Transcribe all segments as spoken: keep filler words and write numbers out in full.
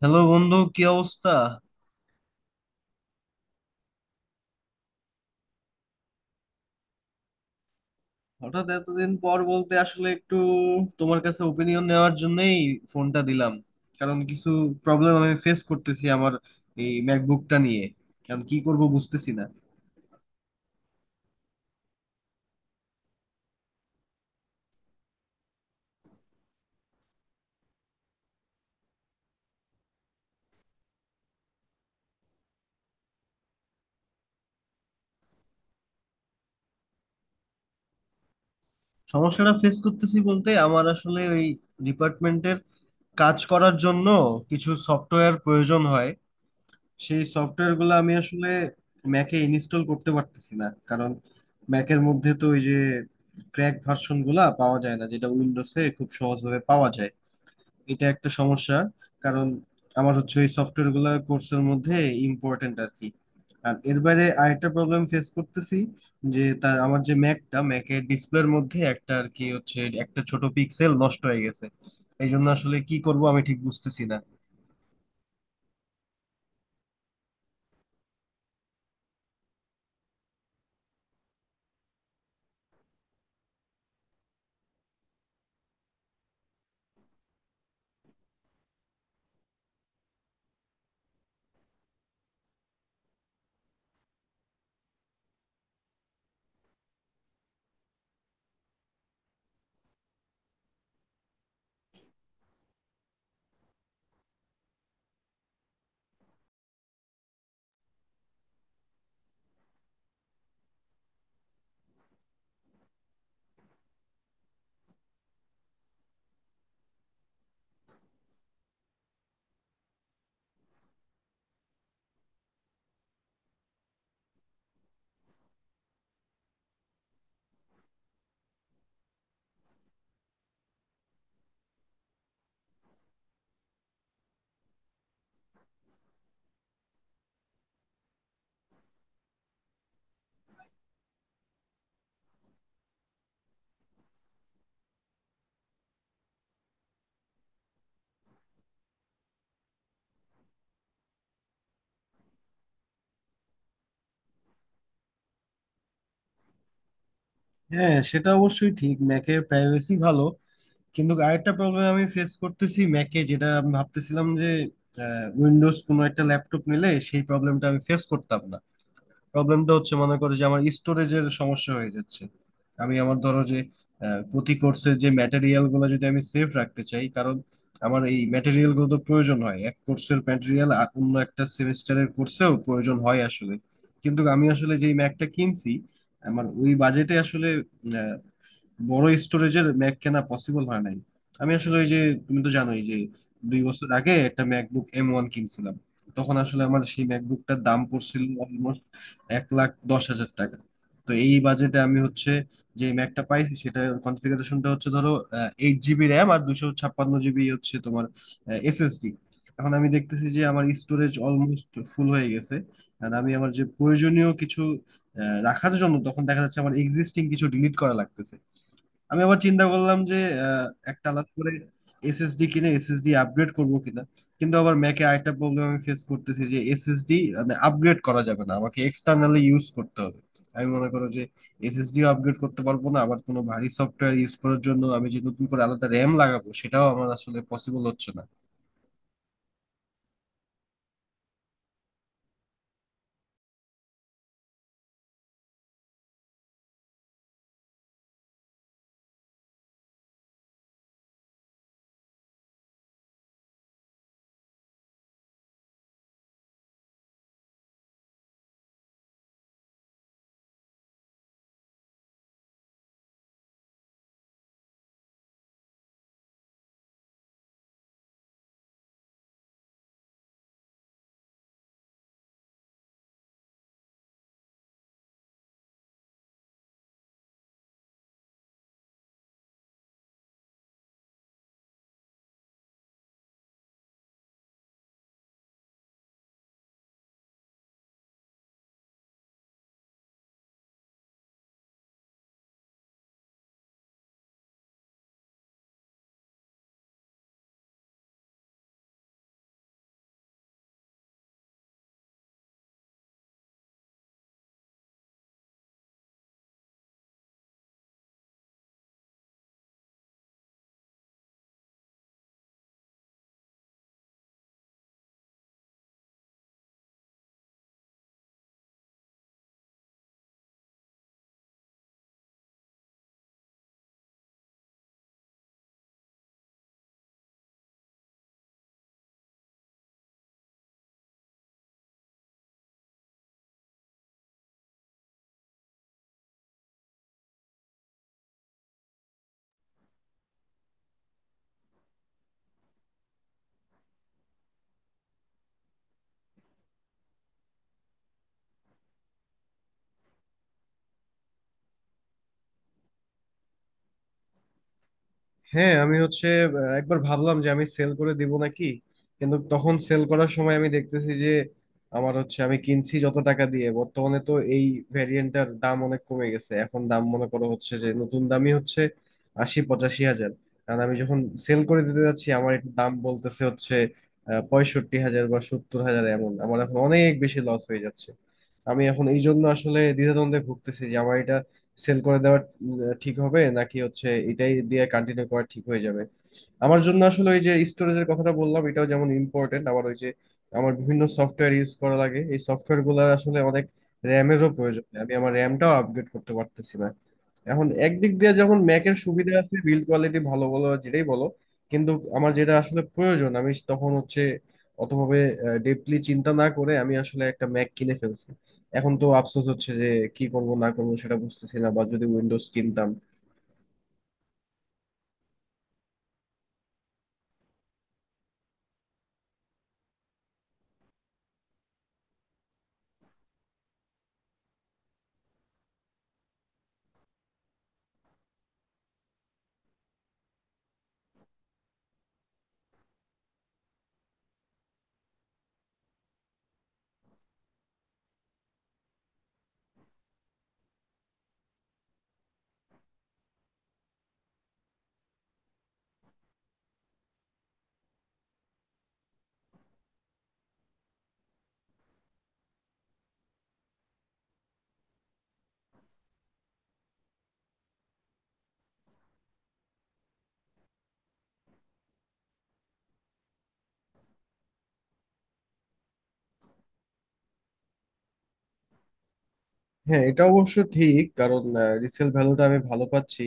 Hello বন্ধু, কি অবস্থা? হঠাৎ এতদিন পর বলতে আসলে একটু তোমার কাছে ওপিনিয়ন নেওয়ার জন্যই ফোনটা দিলাম। কারণ কিছু প্রবলেম আমি ফেস করতেছি আমার এই ম্যাকবুকটা নিয়ে, কারণ কি করব বুঝতেছি না। সমস্যাটা ফেস করতেছি বলতে আমার আসলে ওই ডিপার্টমেন্টের কাজ করার জন্য কিছু সফটওয়্যার প্রয়োজন হয়। সেই সফটওয়্যার গুলো আমি আসলে ম্যাকে ইনস্টল করতে পারতেছি না, কারণ ম্যাকের মধ্যে তো ওই যে ক্র্যাক ভার্সন গুলা পাওয়া যায় না, যেটা উইন্ডোজে খুব সহজভাবে পাওয়া যায়। এটা একটা সমস্যা। কারণ আমার হচ্ছে ওই সফটওয়্যার গুলা কোর্সের মধ্যে ইম্পর্টেন্ট আর কি। আর এর বাইরে আরেকটা প্রবলেম ফেস করতেছি, যে তার আমার যে ম্যাকটা ম্যাকের ডিসপ্লের মধ্যে একটা আর কি হচ্ছে একটা ছোট পিক্সেল নষ্ট হয়ে গেছে। এই জন্য আসলে কি করব আমি ঠিক বুঝতেছি না। হ্যাঁ, সেটা অবশ্যই ঠিক, ম্যাকের প্রাইভেসি ভালো। কিন্তু আরেকটা প্রবলেম আমি ফেস করতেছি ম্যাকে, যেটা আমি ভাবতেছিলাম যে উইন্ডোজ কোনো একটা ল্যাপটপ নিলে সেই প্রবলেমটা আমি ফেস করতাম না। প্রবলেমটা হচ্ছে, মনে করো যে আমার স্টোরেজের সমস্যা হয়ে যাচ্ছে। আমি আমার ধরো যে আহ, প্রতি কোর্সের যে ম্যাটেরিয়াল গুলো যদি আমি সেভ রাখতে চাই, কারণ আমার এই ম্যাটেরিয়াল গুলো তো প্রয়োজন হয়। এক কোর্সের ম্যাটেরিয়াল অন্য একটা সেমিস্টারের কোর্সেও প্রয়োজন হয় আসলে। কিন্তু আমি আসলে যেই ম্যাকটা কিনছি, আমার ওই বাজেটে আসলে বড় স্টোরেজের ম্যাক কেনা পসিবল হয় নাই। আমি আসলে ওই যে তুমি তো জানোই যে দুই বছর আগে একটা ম্যাকবুক এম ওয়ান কিনছিলাম। তখন আসলে আমার সেই ম্যাকবুকটার দাম পড়ছিল অলমোস্ট এক লাখ দশ হাজার টাকা। তো এই বাজেটে আমি হচ্ছে যে ম্যাকটা পাইছি সেটা কনফিগারেশনটা হচ্ছে ধরো এইট জিবি র্যাম আর দুশো ছাপ্পান্ন জিবি হচ্ছে তোমার এসএসডি। এখন আমি দেখতেছি যে আমার স্টোরেজ অলমোস্ট ফুল হয়ে গেছে। আর আমি আমার যে প্রয়োজনীয় কিছু আহ, রাখার জন্য, তখন দেখা যাচ্ছে আমার এক্সিস্টিং কিছু ডিলিট করা লাগতেছে। আমি আবার চিন্তা করলাম যে আহ, একটা আলাদা করে এসএসডি কিনে এসএসডি আপগ্রেড করব কিনা। কিন্তু আবার ম্যাকে আরেকটা প্রবলেম আমি ফেস করতেছি যে এসএসডি মানে আপগ্রেড করা যাবে না, আমাকে এক্সটার্নালি ইউজ করতে হবে। আমি মনে করো যে এসএসডিও আপগ্রেড করতে পারবো না, আবার কোনো ভারী সফটওয়্যার ইউজ করার জন্য আমি যে নতুন করে আলাদা র্যাম লাগাবো সেটাও আমার আসলে পসিবল হচ্ছে না। হ্যাঁ, আমি হচ্ছে আহ, একবার ভাবলাম যে আমি সেল করে দিব নাকি। কিন্তু তখন সেল করার সময় আমি দেখতেছি যে আমার হচ্ছে আমি কিনছি যত টাকা দিয়ে বর্তমানে তো এই ভ্যারিয়েন্টটার দাম অনেক কমে গেছে। এখন দাম মনে করো হচ্ছে যে নতুন দামই হচ্ছে আশি পঁচাশি হাজার। কারণ আমি যখন সেল করে দিতে যাচ্ছি, আমার একটু দাম বলতেছে হচ্ছে আহ, পঁয়ষট্টি হাজার বা সত্তর হাজার এমন। আমার এখন অনেক বেশি লস হয়ে যাচ্ছে। আমি এখন এই জন্য আসলে দ্বিধাদ্বন্দ্বে ভুগতেছি যে আমার এটা উম, ঠিক হবে নাকি হচ্ছে এটাই দিয়ে কন্টিনিউ করা ঠিক হয়ে যাবে। আমার জন্য আসলে ওই যে স্টোরেজের কথাটা বললাম, এটাও যেমন ইম্পর্টেন্ট, আবার ওই যে আমার বিভিন্ন সফটওয়্যার ইউজ করা লাগে। এই সফটওয়্যার গুলো আসলে অনেক র্যামেরও প্রয়োজন, আমি আমার র্যামটাও আপগ্রেড করতে পারতেছি না। এখন একদিক দিয়ে যখন ম্যাকের সুবিধা আছে, বিল্ড কোয়ালিটি ভালো বলো আর যেটাই বলো, কিন্তু আমার যেটা আসলে প্রয়োজন আমি তখন হচ্ছে অতভাবে ডেপলি চিন্তা না করে আমি আসলে একটা ম্যাক কিনে ফেলছি। এখন তো আফসোস হচ্ছে যে কি করব না করব সেটা বুঝতেছি না, বা যদি উইন্ডোজ কিনতাম। হ্যাঁ, এটা অবশ্য ঠিক, কারণ রিসেল ভ্যালুটা আমি ভালো পাচ্ছি।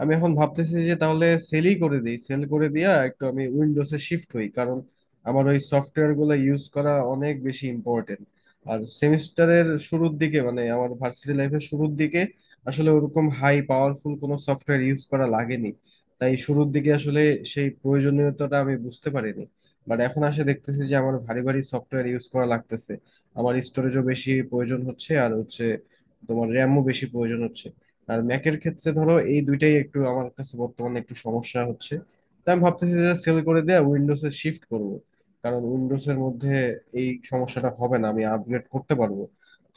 আমি এখন ভাবতেছি যে তাহলে সেলই করে দিই, সেল করে দিয়া একটু আমি উইন্ডোজে শিফট হই, কারণ আমার ওই সফটওয়্যার গুলো ইউজ করা অনেক বেশি ইম্পর্টেন্ট। আর সেমিস্টারের শুরুর দিকে মানে আমার ভার্সিটি লাইফের শুরুর দিকে আসলে ওরকম হাই পাওয়ারফুল কোনো সফটওয়্যার ইউজ করা লাগেনি। তাই শুরুর দিকে আসলে সেই প্রয়োজনীয়তাটা আমি বুঝতে পারিনি। বাট এখন আসে দেখতেছি যে আমার ভারী ভারী সফটওয়্যার ইউজ করা লাগতেছে, আমার স্টোরেজও বেশি প্রয়োজন হচ্ছে আর হচ্ছে তোমার র্যামও বেশি প্রয়োজন হচ্ছে। আর ম্যাকের ক্ষেত্রে ধরো এই দুইটাই একটু আমার কাছে বর্তমানে একটু সমস্যা হচ্ছে। তাই আমি ভাবতেছি যে সেল করে দেয়া উইন্ডোজে শিফট করব, কারণ উইন্ডোজের মধ্যে এই সমস্যাটা হবে না, আমি আপগ্রেড করতে পারবো।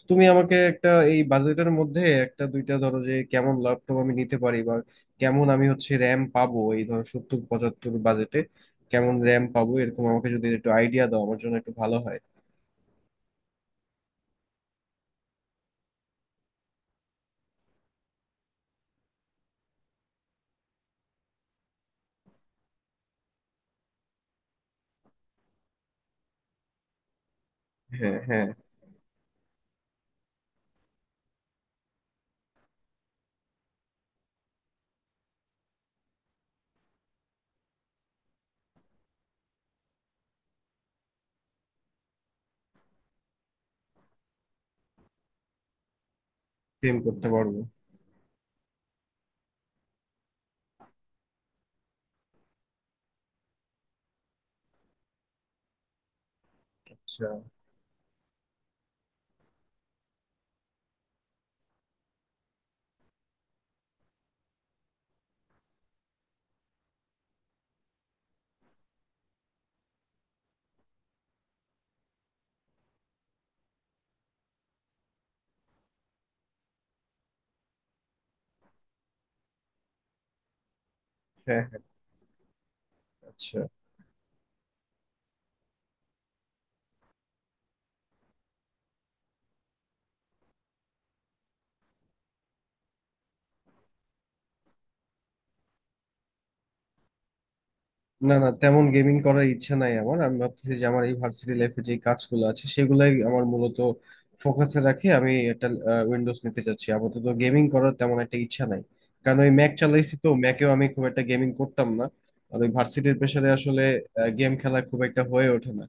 তুমি আমাকে একটা এই বাজেটের মধ্যে একটা দুইটা ধরো যে কেমন ল্যাপটপ আমি নিতে পারি বা কেমন আমি হচ্ছে র্যাম পাবো এই ধরো সত্তর পঁচাত্তর বাজেটে কেমন র্যাম পাবো, এরকম আমাকে যদি একটু আইডিয়া দাও আমার জন্য একটু ভালো হয়। হ্যাঁ হ্যাঁ। সেম করতে পারবো। আচ্ছা। হ্যাঁ হ্যাঁ। আচ্ছা। না না, তেমন গেমিং করার ইচ্ছা নাই আমার। আমি ভাবতেছি যে আমার এই ভার্সিটি লাইফে যে কাজগুলো আছে সেগুলাই আমার মূলত ফোকাসে রাখে, আমি একটা উইন্ডোজ নিতে চাচ্ছি আপাতত, গেমিং করার তেমন একটা ইচ্ছা নাই। কারণ ওই ম্যাক চালাইছি তো ম্যাকেও আমি খুব একটা গেমিং করতাম না। আর ওই ভার্সিটির প্রেসারে আসলে গেম খেলা খুব একটা হয়ে ওঠে না।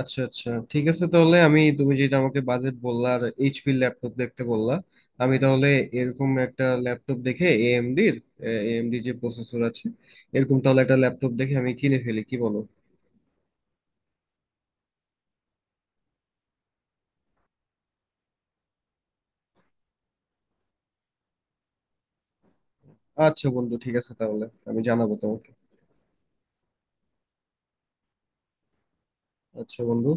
আচ্ছা আচ্ছা, ঠিক আছে, তাহলে আমি তুমি যেটা আমাকে বাজেট বললা আর এইচপি ল্যাপটপ দেখতে বললা, আমি তাহলে এরকম একটা ল্যাপটপ দেখে এএমডির এএমডি যে প্রসেসর আছে এরকম তাহলে একটা ল্যাপটপ দেখে আমি কিনে ফেলি, কি বলো? আচ্ছা বন্ধু, ঠিক আছে তাহলে আমি জানাবো তোমাকে। আচ্ছা বন্ধু।